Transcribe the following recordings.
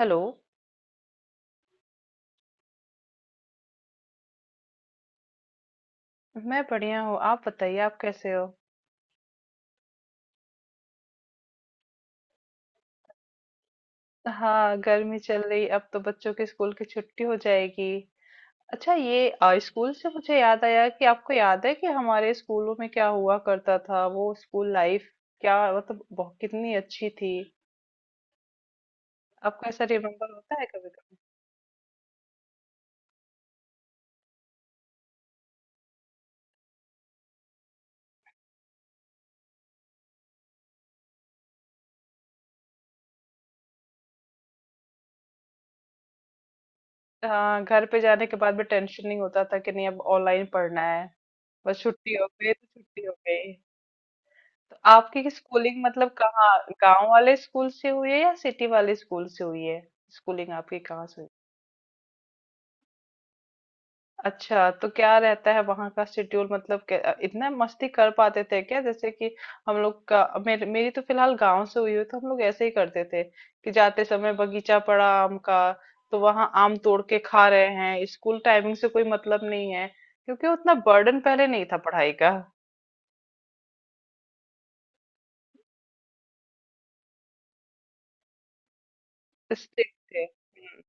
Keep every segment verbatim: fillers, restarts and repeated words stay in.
Hello. मैं बढ़िया हूँ, आप बताइए आप कैसे हो? हाँ, गर्मी चल रही, अब तो बच्चों की स्कूल की छुट्टी हो जाएगी। अच्छा, ये आ, स्कूल से मुझे याद आया कि आपको याद है कि हमारे स्कूलों में क्या हुआ करता था, वो स्कूल लाइफ क्या, मतलब बहुत कितनी अच्छी थी। आपको ऐसा रिमेम्बर होता है कभी कभी? हाँ, घर पे जाने के बाद भी टेंशन नहीं होता था कि नहीं अब ऑनलाइन पढ़ना है, बस छुट्टी हो गई तो छुट्टी हो गई। तो आपकी स्कूलिंग मतलब कहाँ, गांव वाले स्कूल से हुई है या सिटी वाले स्कूल से हुई है? स्कूलिंग आपकी कहाँ से हुई? अच्छा, तो क्या रहता है वहाँ का शेड्यूल, मतलब क्या- इतना मस्ती कर पाते थे क्या, जैसे कि हम लोग का मेर, मेरी तो फिलहाल गांव से हुई है, तो हम लोग ऐसे ही करते थे कि जाते समय बगीचा पड़ा आम का, तो वहाँ आम तोड़ के खा रहे हैं, स्कूल टाइमिंग से कोई मतलब नहीं है, क्योंकि उतना बर्डन पहले नहीं था पढ़ाई का। स्ट्रिक्ट थे। हम्म।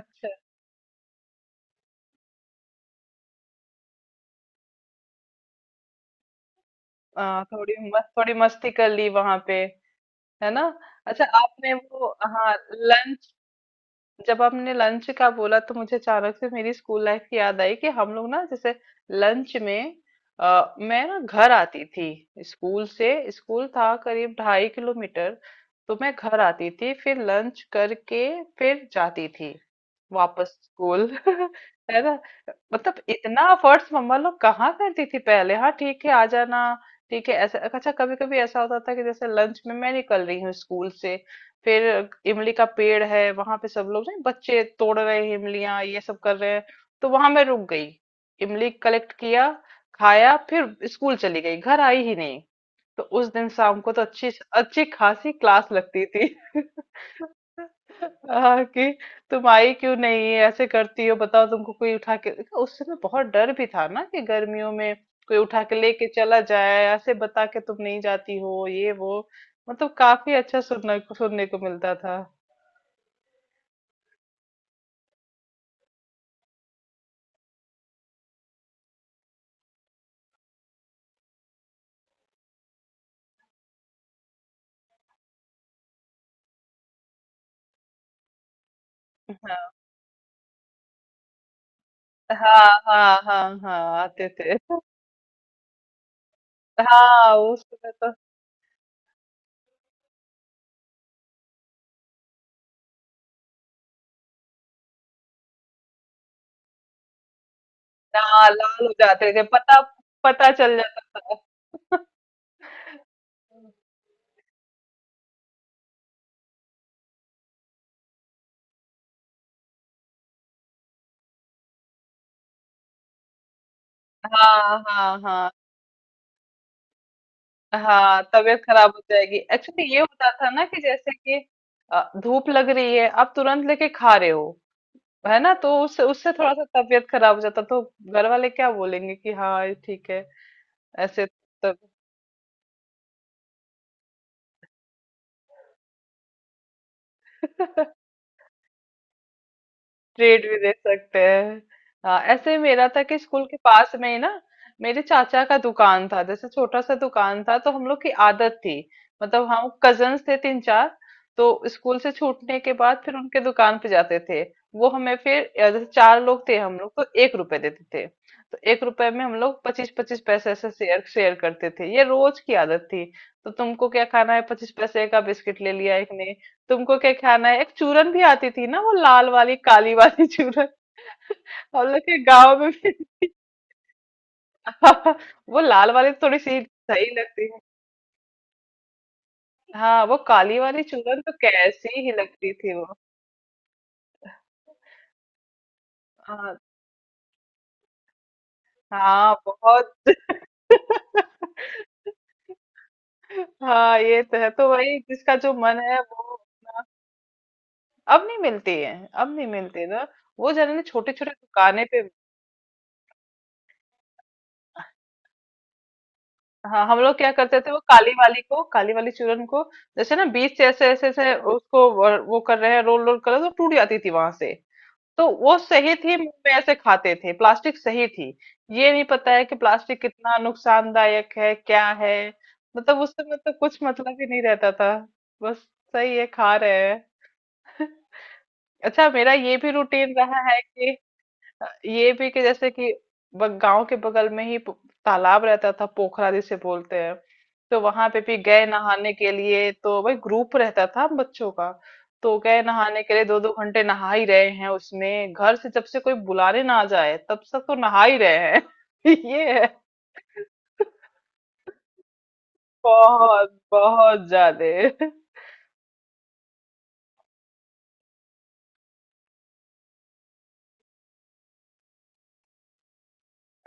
अच्छा, आ, थोड़ी मस्त थोड़ी मस्ती कर ली वहां पे, है ना? अच्छा, आपने वो, हाँ, जब आपने लंच का बोला तो मुझे अचानक से मेरी स्कूल लाइफ की याद आई कि हम लोग ना जैसे लंच में, अ, मैं ना घर आती थी स्कूल से, स्कूल था करीब ढाई किलोमीटर, तो मैं घर आती थी फिर लंच करके फिर जाती थी वापस स्कूल है ना? मतलब इतना अफर्ट्स मम्मा लोग कहाँ करती थी पहले। हाँ, ठीक है, आ जाना, ठीक है ऐसा। अच्छा, कभी कभी ऐसा होता था कि जैसे लंच में मैं निकल रही हूँ स्कूल से, फिर इमली का पेड़ है वहां पे, सब लोग नहीं बच्चे तोड़ रहे हैं इमलियां, ये सब कर रहे हैं, तो वहां मैं रुक गई, इमली कलेक्ट किया, खाया, फिर स्कूल चली गई, घर आई ही नहीं। तो उस दिन शाम को तो अच्छी अच्छी खासी क्लास लगती थी हाँ कि तुम आई क्यों नहीं, ऐसे करती हो, बताओ, तुमको कोई उठा के, उस समय बहुत डर भी था ना कि गर्मियों में कोई उठा के लेके चला जाए, ऐसे बता के तुम नहीं जाती हो, ये वो। मतलब काफी अच्छा सुनने को सुनने को मिलता था। हाँ हाँ हाँ हाँ, हाँ, आते थे। हाँ, उसमें तो, हाँ लाल हो जाते थे, पता पता चल जाता। हाँ हाँ हाँ, हाँ तबीयत खराब हो जाएगी, एक्चुअली ये होता था ना कि जैसे कि अ, धूप लग रही है, आप तुरंत लेके खा रहे हो, है ना, तो उससे उससे थोड़ा सा तबीयत खराब हो जाता, तो घर वाले क्या बोलेंगे कि हाँ ये ठीक है ऐसे, तब ट्रेड भी दे सकते हैं। हाँ ऐसे ही मेरा था कि स्कूल के पास में ही ना मेरे चाचा का दुकान था, जैसे छोटा सा दुकान था, तो हम लोग की आदत थी, मतलब हम कजन्स थे तीन चार, तो स्कूल से छूटने के बाद फिर उनके दुकान पे जाते थे, वो हमें फिर अ, जैसे चार लोग थे हम लोग, तो एक रुपए देते थे। तो एक रुपए में हम लोग पच्चीस पच्चीस पैसे ऐसे शेयर शेयर करते थे, ये रोज की आदत थी। तो तुमको क्या खाना है, पच्चीस पैसे का बिस्किट ले लिया एक ने, तुमको क्या खाना है, एक चूरन भी आती थी ना, वो लाल वाली काली वाली चूरन हम लोग के गांव में भी वो लाल वाली तो थोड़ी सी सही लगती है। हाँ, वो काली वाली चूरन तो कैसी ही लगती थी वो। हाँ, हाँ, बहुत हाँ, ये तो है, तो वही जिसका जो मन है वो अपना- अब नहीं मिलती है, अब नहीं मिलती ना, वो जाने छोटे छोटे दुकानें पे। हाँ हम लोग क्या करते थे वो काली वाली को, काली वाली चूरन को जैसे ना बीच से ऐसे ऐसे ऐसे, उसको वो वो कर रहे हैं, रोल रोल कर रहे हैं, तो टूट जाती थी वहां से, तो वो सही थी, मुंह में ऐसे खाते थे, प्लास्टिक सही थी, ये नहीं पता है कि प्लास्टिक कितना नुकसानदायक है क्या है, मतलब उससे मतलब कुछ मतलब ही नहीं रहता था, बस सही है खा रहे हैं अच्छा, मेरा ये भी रूटीन रहा है कि ये भी, कि जैसे कि ब- गांव के बगल में ही पो- तालाब रहता था, पोखरा जिसे बोलते हैं, तो वहां पे भी गए नहाने के लिए, तो भाई ग्रुप रहता था बच्चों का, तो गए नहाने के लिए दो दो घंटे नहा ही रहे हैं उसमें, घर से जब से कोई बुलाने ना जाए तब से तो नहा ही रहे हैं ये है। बहुत बहुत ज्यादा।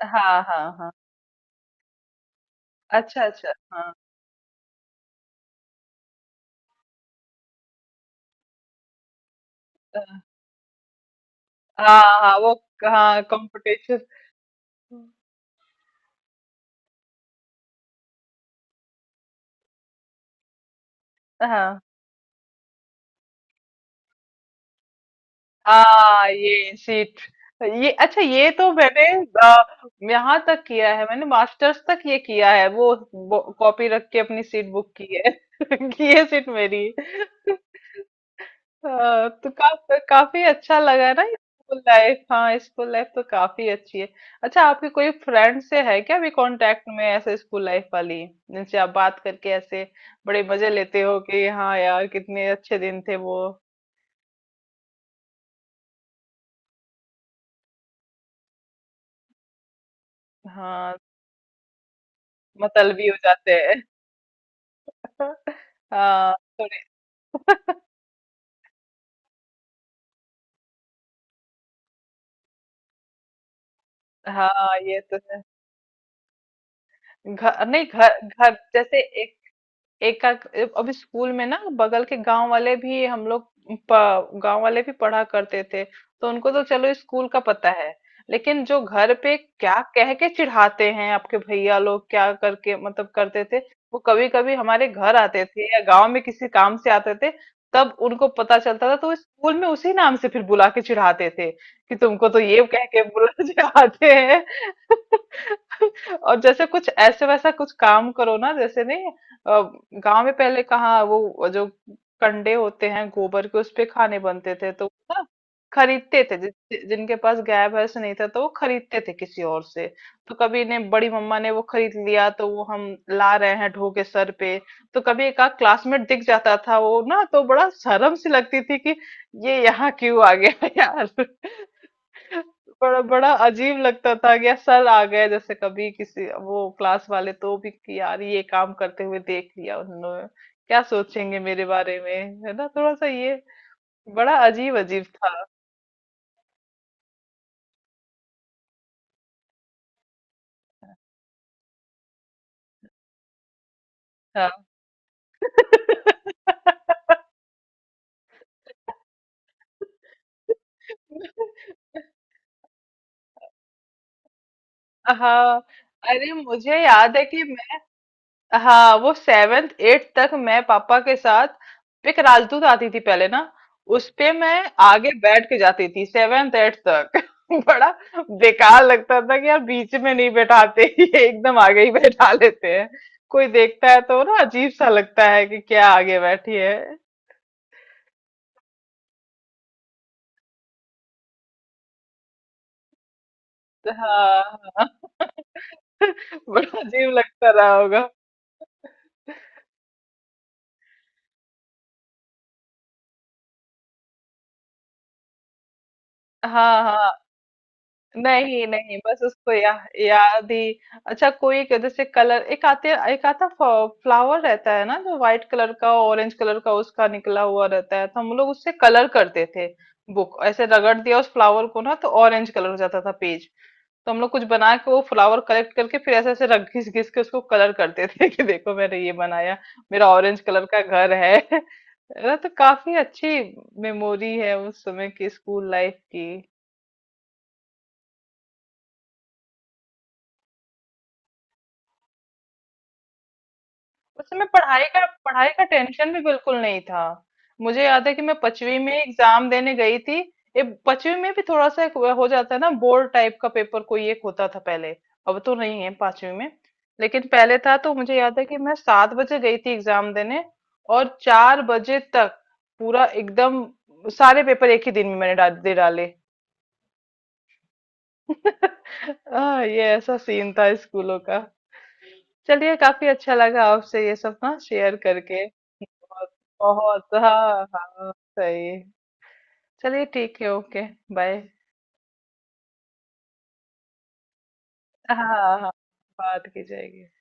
हाँ हाँ हाँ। अच्छा अच्छा। हाँ हाँ हाँ वो। हाँ कंपटीशन। हाँ हाँ ये सीट, ये अच्छा, ये तो मैंने अ, यहाँ तक किया है, मैंने मास्टर्स तक ये किया है वो ब- कॉपी रख के अपनी सीट बुक की है कि ये सीट मेरी है। हाँ, तो का, काफी अच्छा लगा ना, स्कूल लाइफ, हाँ स्कूल लाइफ तो काफी अच्छी है। अच्छा, आपके कोई फ्रेंड से है क्या भी कांटेक्ट में, ऐसे स्कूल लाइफ वाली, जिनसे आप बात करके ऐसे बड़े मजे लेते हो कि हाँ यार कितने अच्छे दिन थे वो। हाँ मतलबी हो जाते, हाँ थोड़े हाँ ये तो है, घर नहीं, घर घर जैसे एक का, अभी स्कूल में ना, बगल के गांव वाले भी हम लोग, प- गांव वाले भी पढ़ा करते थे, तो उनको तो चलो स्कूल का पता है, लेकिन जो घर पे क्या कह के चिढ़ाते हैं आपके भैया लोग क्या करके मतलब करते थे, वो कभी कभी हमारे घर आते थे या गांव में किसी काम से आते थे, तब उनको पता चलता था, तो वो स्कूल में उसी नाम से फिर बुला के चिढ़ाते थे कि तुमको तो ये कह के बुला चिढ़ाते हैं। और जैसे कुछ ऐसे वैसा कुछ काम करो ना, जैसे नहीं, गांव में पहले कहाँ वो जो कंडे होते हैं गोबर के, उस पे खाने बनते थे तो ना, खरीदते थे जिस- जिनके पास गाय भैंस नहीं था, तो वो खरीदते थे किसी और से, तो कभी ने बड़ी मम्मा ने वो खरीद लिया तो वो हम ला रहे हैं ढो के सर पे, तो कभी एक आध क्लासमेट दिख जाता था, वो ना तो बड़ा शर्म सी लगती थी कि ये यहाँ क्यों आ गया यार, बड़ा बड़ा अजीब लगता था कि यार सर आ गए, जैसे कभी किसी वो क्लास वाले तो भी, कि यार ये काम करते हुए देख लिया उन्होंने, क्या सोचेंगे मेरे बारे में, है ना, थोड़ा सा ये बड़ा अजीब अजीब था। हाँ हाँ, अरे मुझे याद है कि, हाँ वो सेवेंथ एट्थ तक मैं पापा के साथ पिकरालतू आती थी पहले ना, उस पे मैं आगे बैठ के जाती थी सेवेंथ एट्थ तक बड़ा बेकार लगता था कि यार बीच में नहीं बैठाते ये एकदम आगे ही बैठा लेते हैं, कोई देखता है तो ना अजीब सा लगता है कि क्या आगे बैठी है। हाँ हाँ बड़ा अजीब लगता रहा होगा। हाँ हाँ नहीं नहीं, बस उसको या, याद ही। अच्छा, कोई एक जैसे कलर, एक आते एक आता फ्लावर रहता है ना, जो व्हाइट कलर का ऑरेंज कलर का उसका निकला हुआ रहता है, तो हम लोग उससे कलर करते थे, बुक ऐसे रगड़ दिया उस फ्लावर को ना तो ऑरेंज कलर हो जाता था पेज, तो हम लोग कुछ बना के वो फ्लावर कलेक्ट करके फिर ऐसे ऐसे रख घिस घिस के उसको कलर करते थे कि देखो मैंने ये बनाया, मेरा ऑरेंज कलर का घर है है ना, तो काफी अच्छी मेमोरी है उस समय की, स्कूल लाइफ की। उस समय पढ़ाई का पढ़ाई का टेंशन भी बिल्कुल नहीं था, मुझे याद है कि मैं पांचवी में एग्जाम देने गई थी, ये पांचवी में भी थोड़ा सा एक हो जाता है ना, बोर्ड टाइप का पेपर कोई एक होता था पहले, अब तो नहीं है पांचवी में, लेकिन पहले था, तो मुझे याद है कि मैं सात बजे गई थी एग्जाम देने और चार बजे तक पूरा एकदम सारे पेपर एक ही दिन में मैंने डाल दे डाले हाँ ये ऐसा सीन था स्कूलों का। चलिए, काफी अच्छा लगा आपसे ये सब ना शेयर करके, बहुत बहुत, हाँ हाँ सही। चलिए, ठीक है, ओके, बाय। हाँ हाँ, बात की जाएगी।